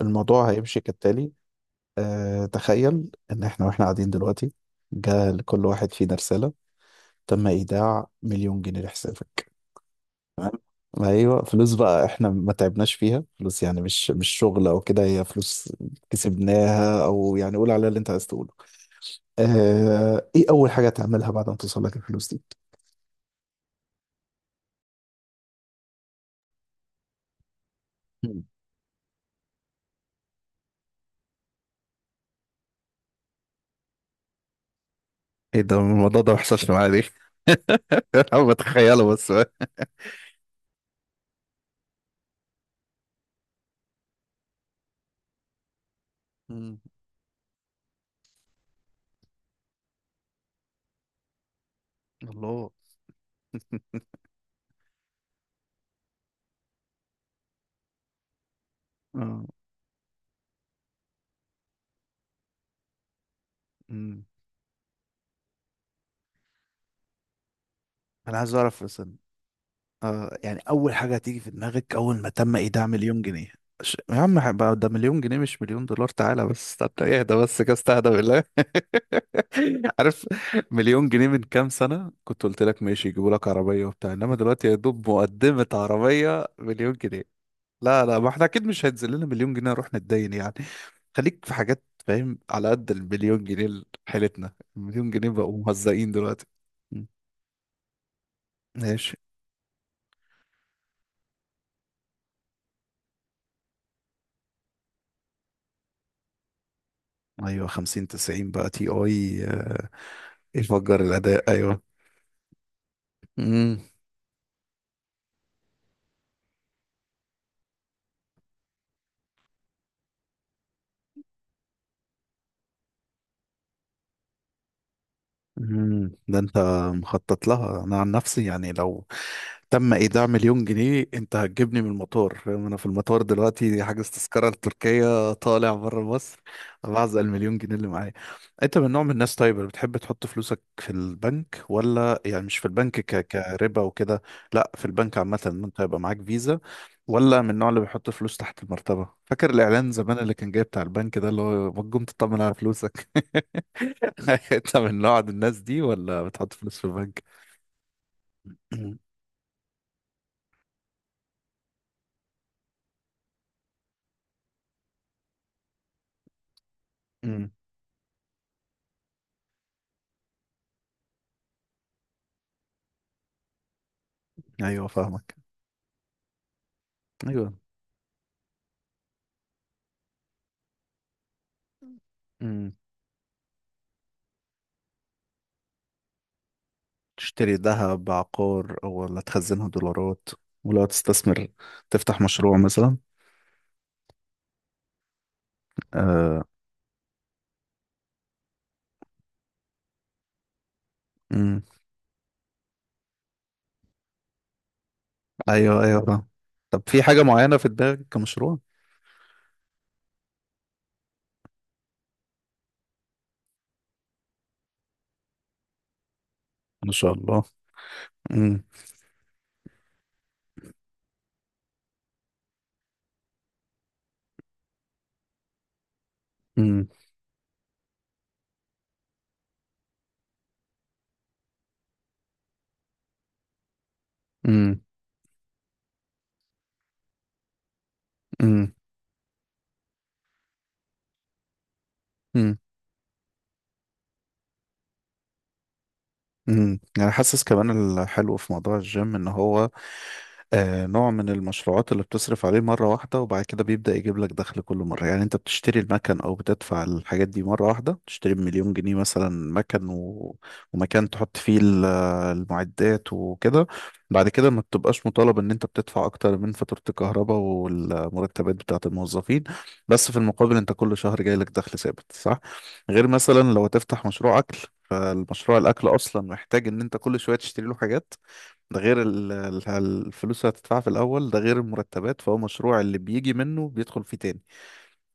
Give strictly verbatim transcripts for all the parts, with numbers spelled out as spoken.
الموضوع هيمشي كالتالي. أه تخيل ان احنا واحنا قاعدين دلوقتي، جاء لكل واحد فينا رسالة: تم ايداع مليون جنيه لحسابك. تمام. ما ايوه، فلوس بقى، احنا ما تعبناش فيها، فلوس يعني مش مش شغل او كده، هي فلوس كسبناها، او يعني قول عليها اللي انت عايز تقوله. أه ايه اول حاجة تعملها بعد ما توصل لك الفلوس دي؟ مم. ايه ده، الموضوع ده ما حصلش معايا ليه؟ انا بتخيله بس. مم. الله. آه، مم. انا عايز اعرف بس. آه يعني أول حاجة هتيجي في دماغك أول ما تم إيداع مليون جنيه؟ ش- يا عم هبقى، ده مليون جنيه مش مليون دولار. تعالى بس استنى، اهدى بس كده، استهدى بالله. عارف، مليون جنيه من كام سنة كنت قلت لك ماشي يجيبوا لك عربية وبتاع، إنما دلوقتي يا دوب مقدمة عربية مليون جنيه. لا لا، ما احنا أكيد مش هينزل لنا مليون جنيه نروح نتدين يعني. خليك في حاجات، فاهم؟ على قد المليون جنيه حيلتنا، المليون جنيه بقوا مهزقين دلوقتي. م. ماشي. ايوه خمسين تسعين بقى تي اي، آه، يفجر الاداء. ايوه. امم. أمم. ده انت مخطط لها. انا عن نفسي يعني، لو تم ايداع مليون جنيه، انت هتجيبني من المطار، فاهم؟ انا في المطار دلوقتي حاجز تذكره لتركيا، طالع بره مصر بعزق المليون جنيه اللي معايا. انت من نوع من الناس طيب اللي بتحب تحط فلوسك في البنك، ولا يعني مش في البنك، ك... كربا وكده؟ لا في البنك عامه، ان انت يبقى معاك فيزا. ولا من النوع اللي بيحط فلوس تحت المرتبه؟ فاكر الاعلان زمان اللي كان جاي بتاع البنك ده، اللي هو ما تقوم تطمن على فلوسك. انت من نوع الناس دي ولا بتحط فلوس في البنك؟ امم. ايوه فاهمك. ايوه. امم. تشتري ذهب، عقار، او ولا تخزنها دولارات؟ ولو تستثمر، تفتح مشروع مثلا؟ آه. امم. ايوه ايوه فاهم. طب في حاجة معينة في دماغك كمشروع؟ ما شاء الله. امم. امم. امم. امم. امم. امم. يعني حاسس كمان الحلو في موضوع الجيم ان هو، آه، نوع من المشروعات اللي بتصرف عليه مرة واحدة وبعد كده بيبدأ يجيب لك دخل كل مرة. يعني انت بتشتري المكن او بتدفع الحاجات دي مرة واحدة، بتشتري بمليون جنيه مثلا مكن و... ومكان تحط فيه ال- المعدات وكده. بعد كده ما بتبقاش مطالب ان انت بتدفع اكتر من فاتورة الكهرباء والمرتبات بتاعة الموظفين، بس في المقابل انت كل شهر جاي لك دخل ثابت، صح؟ غير مثلا لو تفتح مشروع اكل، فالمشروع الاكل اصلا محتاج ان انت كل شوية تشتري له حاجات. ده غير ال- ال- الفلوس اللي هتدفعها في الاول، ده غير المرتبات. فهو مشروع اللي بيجي منه بيدخل فيه تاني.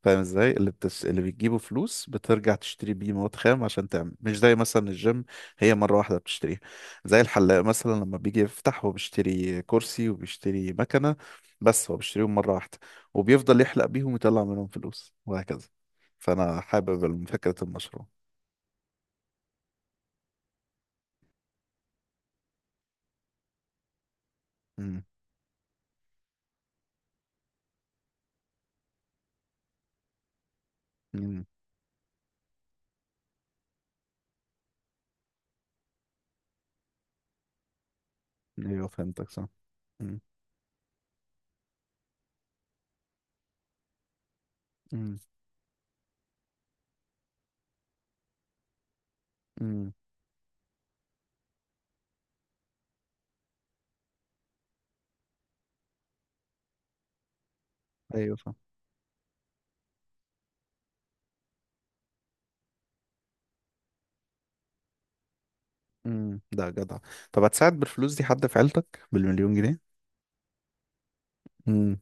فاهم ازاي اللي بتس... اللي بتجيبه فلوس بترجع تشتري بيه مواد خام عشان تعمل، مش زي مثلا الجيم، هي مره واحده بتشتريها. زي الحلاق مثلا لما بيجي يفتح هو بيشتري كرسي وبيشتري مكنه، بس هو بيشتريهم مره واحده وبيفضل يحلق بيهم ويطلع منهم فلوس، وهكذا. فانا حابب الم- فكره المشروع. امم. امم. ايوه فهمتك. صح. امم. امم. امم. ايوه. امم. ده جدع. طب هتساعد بالفلوس دي حد في عيلتك بالمليون جنيه؟ امم.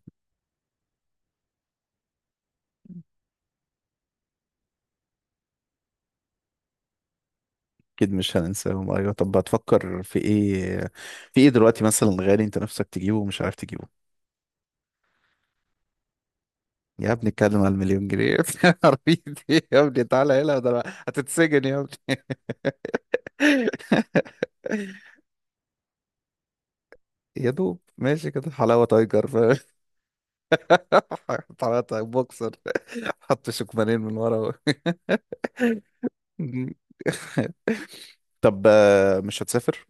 اكيد مش هننساهم، ايوه. طب هتفكر في ايه؟ في ايه دلوقتي مثلا غالي انت نفسك تجيبه ومش عارف تجيبه؟ يا ابني اتكلم على المليون جنيه يا ابني، عارفين إيه؟ يا ابني تعالى هنا، ده أنا هتتسجن يا ابني. يا دوب ماشي كده حلاوة تايجر، فاهم؟ حلاوة تايجر بوكسر، حط شكمانين من ورا. مم. طب آه، مش هتسافر؟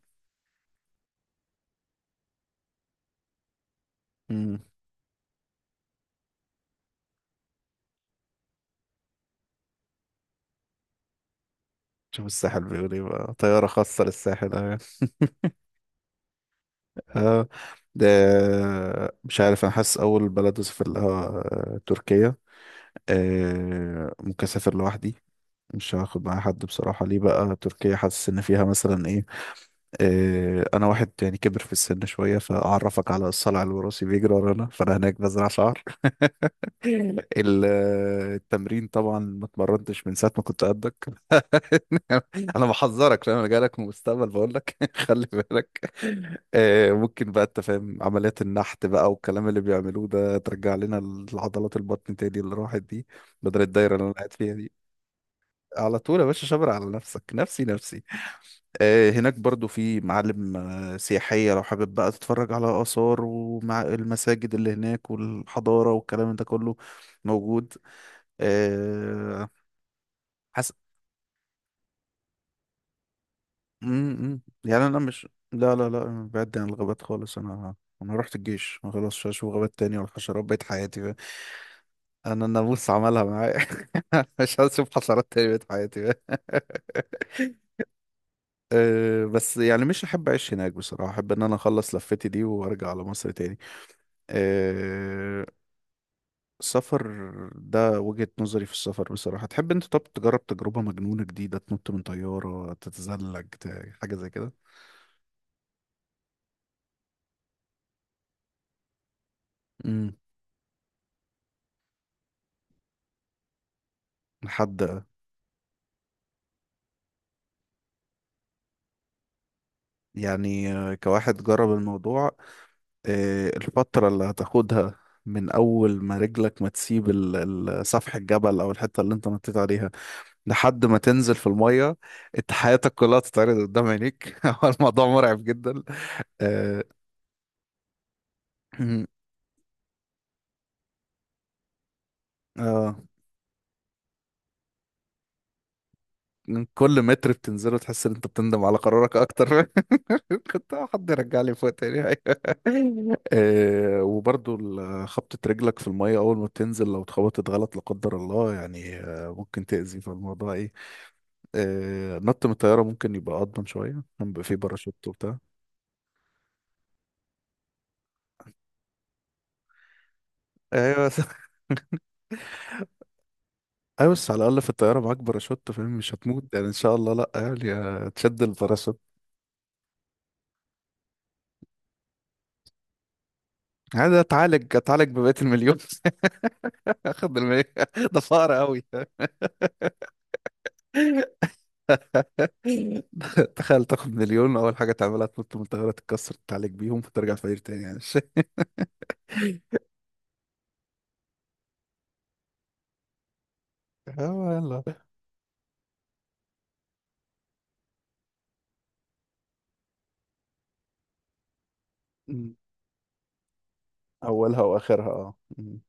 مم. شوف الساحل بيقول ايه بقى، طيارة خاصة للساحل. آه. ده مش عارف، انا حاسس اول بلد اسافر لها آه، تركيا. آه ممكن اسافر لوحدي، مش هاخد معايا حد بصراحة. ليه بقى تركيا؟ حاسس ان فيها مثلا ايه؟ آه انا واحد يعني كبر في السن شوية، فاعرفك على الصلع الوراثي بيجري ورانا، فانا هناك بزرع شعر. ال- التمرين طبعا ما اتمرنتش من ساعة ما كنت قدك. انا بحذرك، لان انا جاي لك من المستقبل بقول لك خلي بالك. آه، ممكن بقى انت فاهم عمليات النحت بقى والكلام اللي بيعملوه ده، ترجع لنا العضلات، البطن تاني اللي راحت دي، بدل الدايرة اللي انا قاعد فيها دي. على طول يا باشا، شبر على نفسك، نفسي نفسي. آه، هناك برضو في معالم آه، سياحية، لو حابب بقى تتفرج على آثار، ومع المساجد اللي هناك والحضارة والكلام ده كله موجود. أه حس... م- م. يعني انا مش، لا لا لا أنا بعد عن الغابات خالص. انا انا رحت الجيش، ما خلاص مش هشوف غابات تاني ولا حشرات بقيت حياتي بقى. انا الناموس عملها معايا. مش هشوف حشرات تاني بقيت حياتي بقى. أه بس يعني مش احب اعيش هناك بصراحة، احب ان انا اخلص لفتي دي وارجع على مصر تاني. أه السفر، ده وجهة نظري في السفر بصراحة. تحب انت طب تجرب تجربة مجنونة جديدة، تنط من طيارة، تتزلج، ت- حاجة زي كده؟ امم. لحد، يعني آه، كواحد جرب الموضوع، آه، الفترة اللي هتاخدها من أول ما رجلك ما تسيب ال- ال- سفح الجبل أو الحتة اللي أنت نطيت عليها لحد ما تنزل في المية، أنت حياتك كلها تتعرض قدام عينيك. هو الموضوع مرعب جدا. آه، آه، كل متر بتنزله تحس ان انت بتندم على قرارك اكتر. كنت آه، حد يرجع لي فوق تاني، أيوة. آه، وبرضو ال- خبطة رجلك في المية أول ما بتنزل، لو اتخبطت غلط لا قدر الله يعني آه، ممكن تأذي في الموضوع إيه. آه، نط من الطيارة ممكن يبقى أضمن شوية، كان بيبقى فيه باراشوت وبتاع. أيوة بس أيوة، بس على الأقل في الطيارة معاك باراشوت، فاهم؟ مش هتموت يعني إن شاء الله لأ يعني، آه، تشد الباراشوت. عادي أتعالج أتعالج ببقية المليون. أخد المليون ده فقر أوي. تخيل تاخد مليون، اول حاجه تعملها تنط من الطياره تتكسر تعالج بيهم فترجع فقير تاني يعني مش. اه يلا. مم. اولها واخرها اه. مم.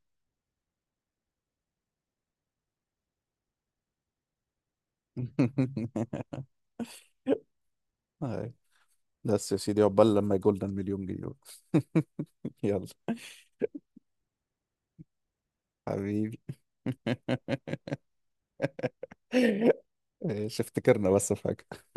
هاي. بس يا سيدي، عقبال لما يجولنا المليون جنيه بقى. يلا حبيبي. إيه، شفت كرنا بس في حاجه.